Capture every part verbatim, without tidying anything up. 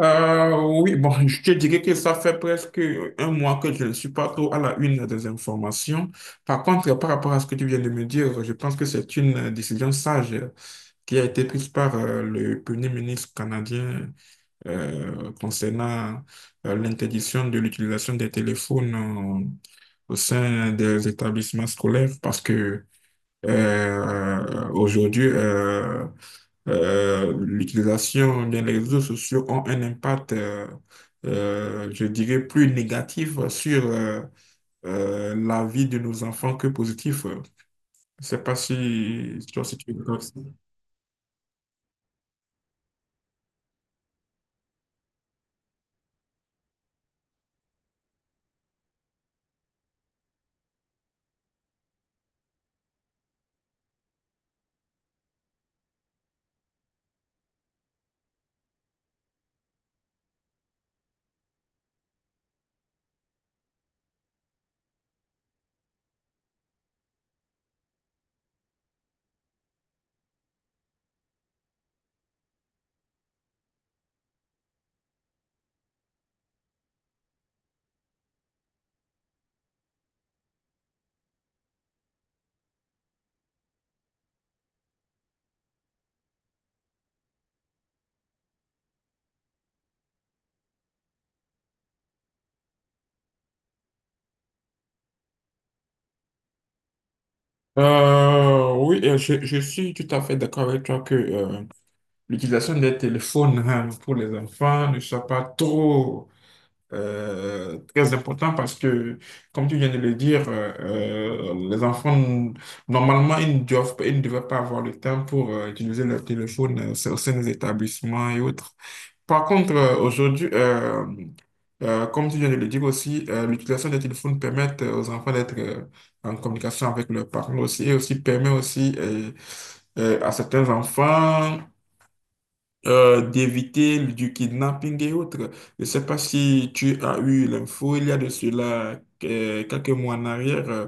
Euh, oui, bon, je te dirais que ça fait presque un mois que je ne suis pas trop à la une des informations. Par contre, par rapport à ce que tu viens de me dire, je pense que c'est une décision sage qui a été prise par euh, le Premier ministre canadien euh, concernant euh, l'interdiction de l'utilisation des téléphones euh, au sein des établissements scolaires parce que euh, aujourd'hui, euh, euh, l'utilisation des réseaux sociaux ont un impact, euh, euh, je dirais, plus négatif sur euh, euh, la vie de nos enfants que positif. Je sais pas si si toi, si tu es d'accord avec ça. Euh, oui, euh, je, je suis tout à fait d'accord avec toi que euh, l'utilisation des téléphones hein, pour les enfants ne soit pas trop euh, très important parce que, comme tu viens de le dire, euh, euh, les enfants, normalement, ils ne doivent, ils ne devraient pas avoir le temps pour euh, utiliser leur téléphone euh, sur- au sein des établissements et autres. Par contre, euh, aujourd'hui, euh, euh, comme tu viens de le dire aussi, euh, l'utilisation des téléphones permet euh, aux enfants d'être euh, en communication avec leurs parents aussi et aussi permet aussi euh, euh, à certains enfants euh, d'éviter du kidnapping et autres. Je ne sais pas si tu as eu l'info, il y a de cela euh, quelques mois en arrière, euh,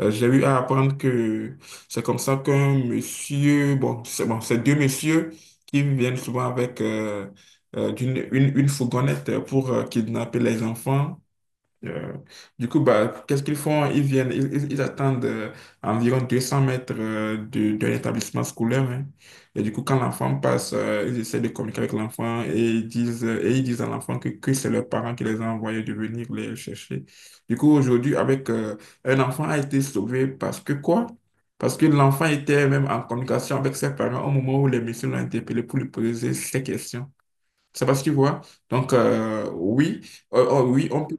euh, j'ai eu à apprendre que c'est comme ça qu'un monsieur, bon, c'est bon, c'est deux messieurs qui viennent souvent avec euh, euh, d'une- une, une fourgonnette pour euh, kidnapper les enfants euh, du coup, bah, qu'est-ce qu'ils font? Ils viennent, ils, ils- ils attendent euh, environ deux cents mètres euh, de, de l'établissement scolaire, hein. Et du coup, quand l'enfant passe, euh, ils essaient de communiquer avec l'enfant et ils disent, euh, et ils disent à l'enfant que, que c'est leurs parents qui les ont envoyés de venir les chercher. Du coup, aujourd'hui, avec euh, un enfant a été sauvé parce que quoi? Parce que l'enfant était même en communication avec ses parents au moment où les messieurs l'ont interpellé pour lui poser ces questions. C'est parce que tu Donc, euh, oui. Euh, oh, oui, on peut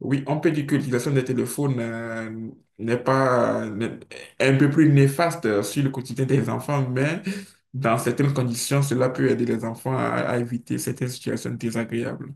oui, on peut dire que l'utilisation des téléphones euh, n'est pas euh, n'est- est un peu plus néfaste sur le quotidien des enfants, mais dans certaines conditions, cela peut aider les enfants à, à éviter certaines situations désagréables.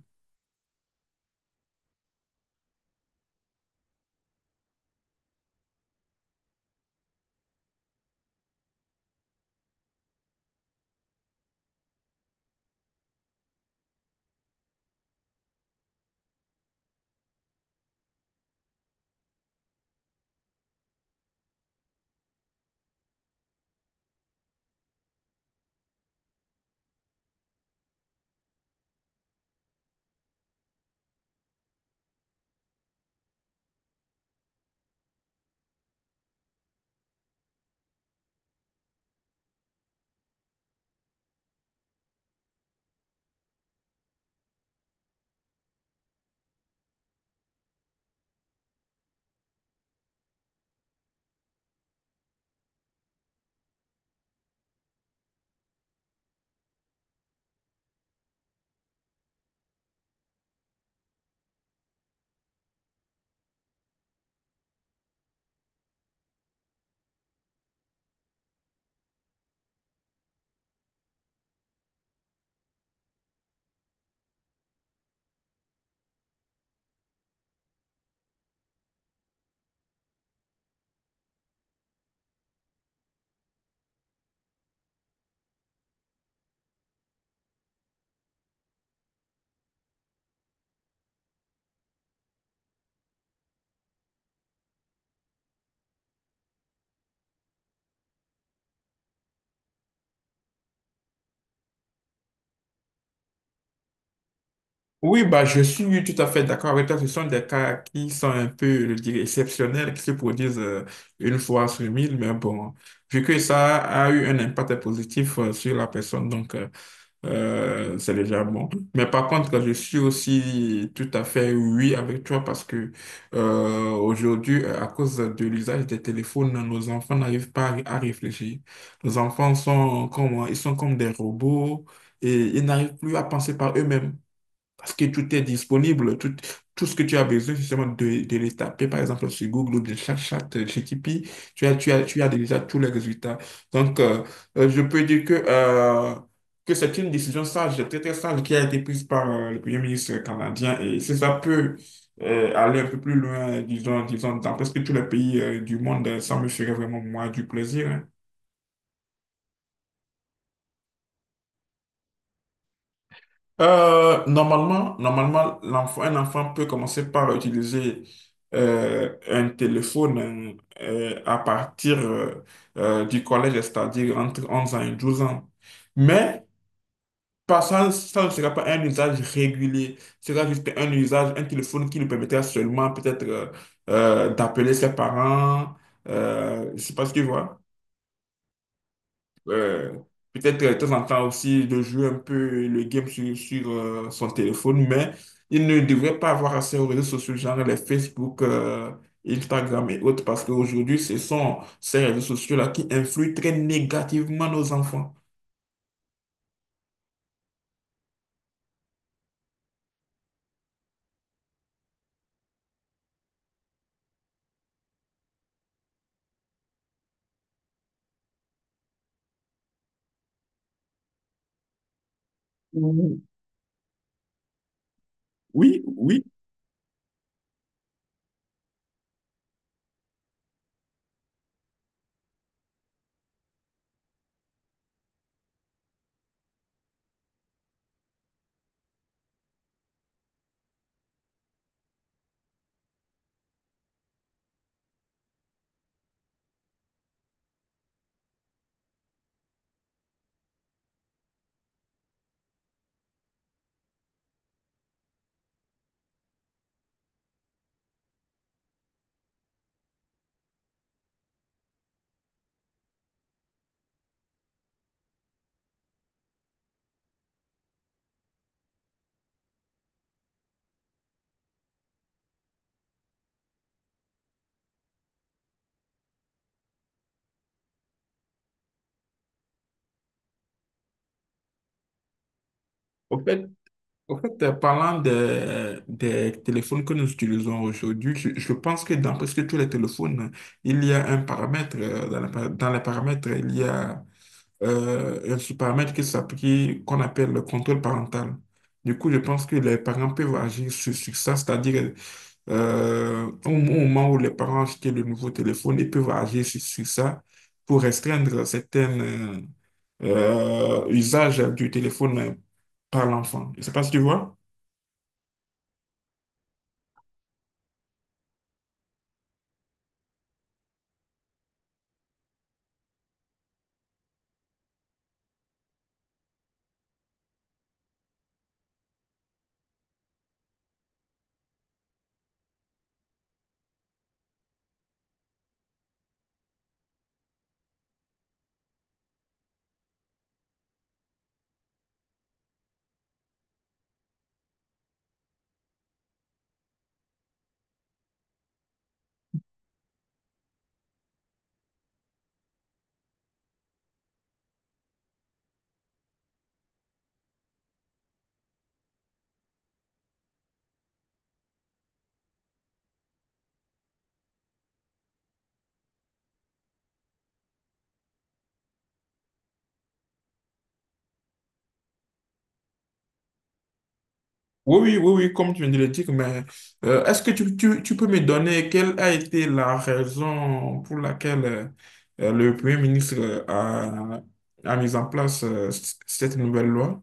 Oui, bah, je suis tout à fait d'accord avec toi. Ce sont des cas qui sont un peu, je dirais, exceptionnels, qui se produisent euh, une fois sur mille, mais bon, vu que ça a eu un impact positif euh, sur la personne, donc euh, euh, c'est déjà bon. Mais par contre, je suis aussi tout à fait oui avec toi parce que euh, aujourd'hui, euh, à cause de l'usage des téléphones, nos enfants n'arrivent pas à à réfléchir. Nos enfants sont comme, ils sont comme des robots et ils n'arrivent plus à penser par eux-mêmes. Parce que tout est disponible, tout, tout ce que tu as besoin, justement, de, de le taper, par exemple, sur Google ou de ChatChat, ChatGPT, tu as, tu as, tu as déjà tous les résultats. Donc, euh, euh, je peux dire que, euh, que c'est une décision sage, très, très sage, qui a été prise par euh, le Premier ministre canadien. Et si ça peut euh, aller un peu plus loin, disons, disons, dans presque tous les pays euh, du monde, euh, ça me ferait vraiment, moi, du plaisir, hein. Euh, normalement, normalement, l'enfant, un enfant peut commencer par utiliser euh, un téléphone euh, à partir euh, euh, du collège, c'est-à-dire entre onze ans et douze ans. Mais pas, ça, ça ne sera pas un usage régulier, ce sera juste un usage, un téléphone qui lui permettra seulement peut-être euh, euh, d'appeler ses parents, euh, je ne sais pas ce qu'il voit euh, peut-être euh, de temps en temps aussi de jouer un peu le game sur, sur, euh, son téléphone, mais il ne devrait pas avoir accès aux réseaux sociaux, genre les Facebook, euh, Instagram et autres, parce qu'aujourd'hui, ce sont ces réseaux sociaux-là qui influent très négativement nos enfants. Ouh. Oui, oui. Au fait, au fait, euh, parlant des, des téléphones que nous utilisons aujourd'hui, je, je pense que dans presque tous les téléphones, il y a un paramètre. Euh, Dans la dans les paramètres, il y a euh, il y a ce paramètre qui s'applique, qu'on appelle le contrôle parental. Du coup, je pense que les parents peuvent agir sur, sur ça, c'est-à-dire euh, au, au moment où les parents achètent le nouveau téléphone, ils peuvent agir sur, sur ça pour restreindre certains euh, euh, usages du téléphone par l'enfant. Je ne sais pas si tu vois. Oui, oui, oui, oui, comme tu viens de le dire, mais euh, est-ce que tu, tu, tu peux me donner quelle a été la raison pour laquelle euh, euh, le Premier ministre euh, a, a mis en place euh, c- cette nouvelle loi?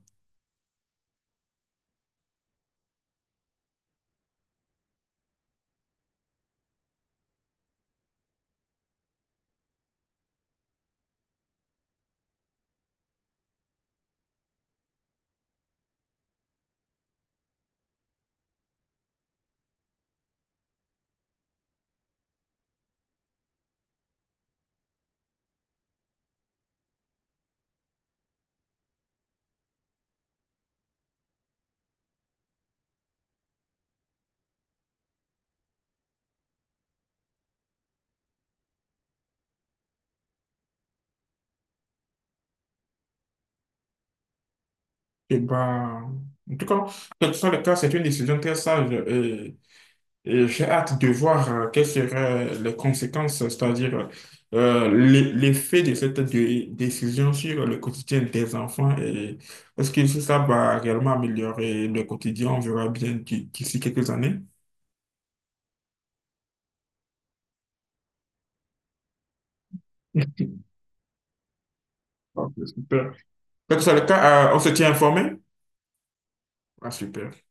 Eh ben, en tout cas, quel que soit le cas, c'est une décision très sage. Et j'ai hâte de voir euh, quelles seraient les conséquences, c'est-à-dire euh, l'e- l'effet de cette dé- décision sur le quotidien des enfants et est-ce que si ça va réellement améliorer le quotidien, on verra bien d'i- d'ici quelques années. Ok, super. Quel que soit le cas, euh, on se tient informé? Ah, super.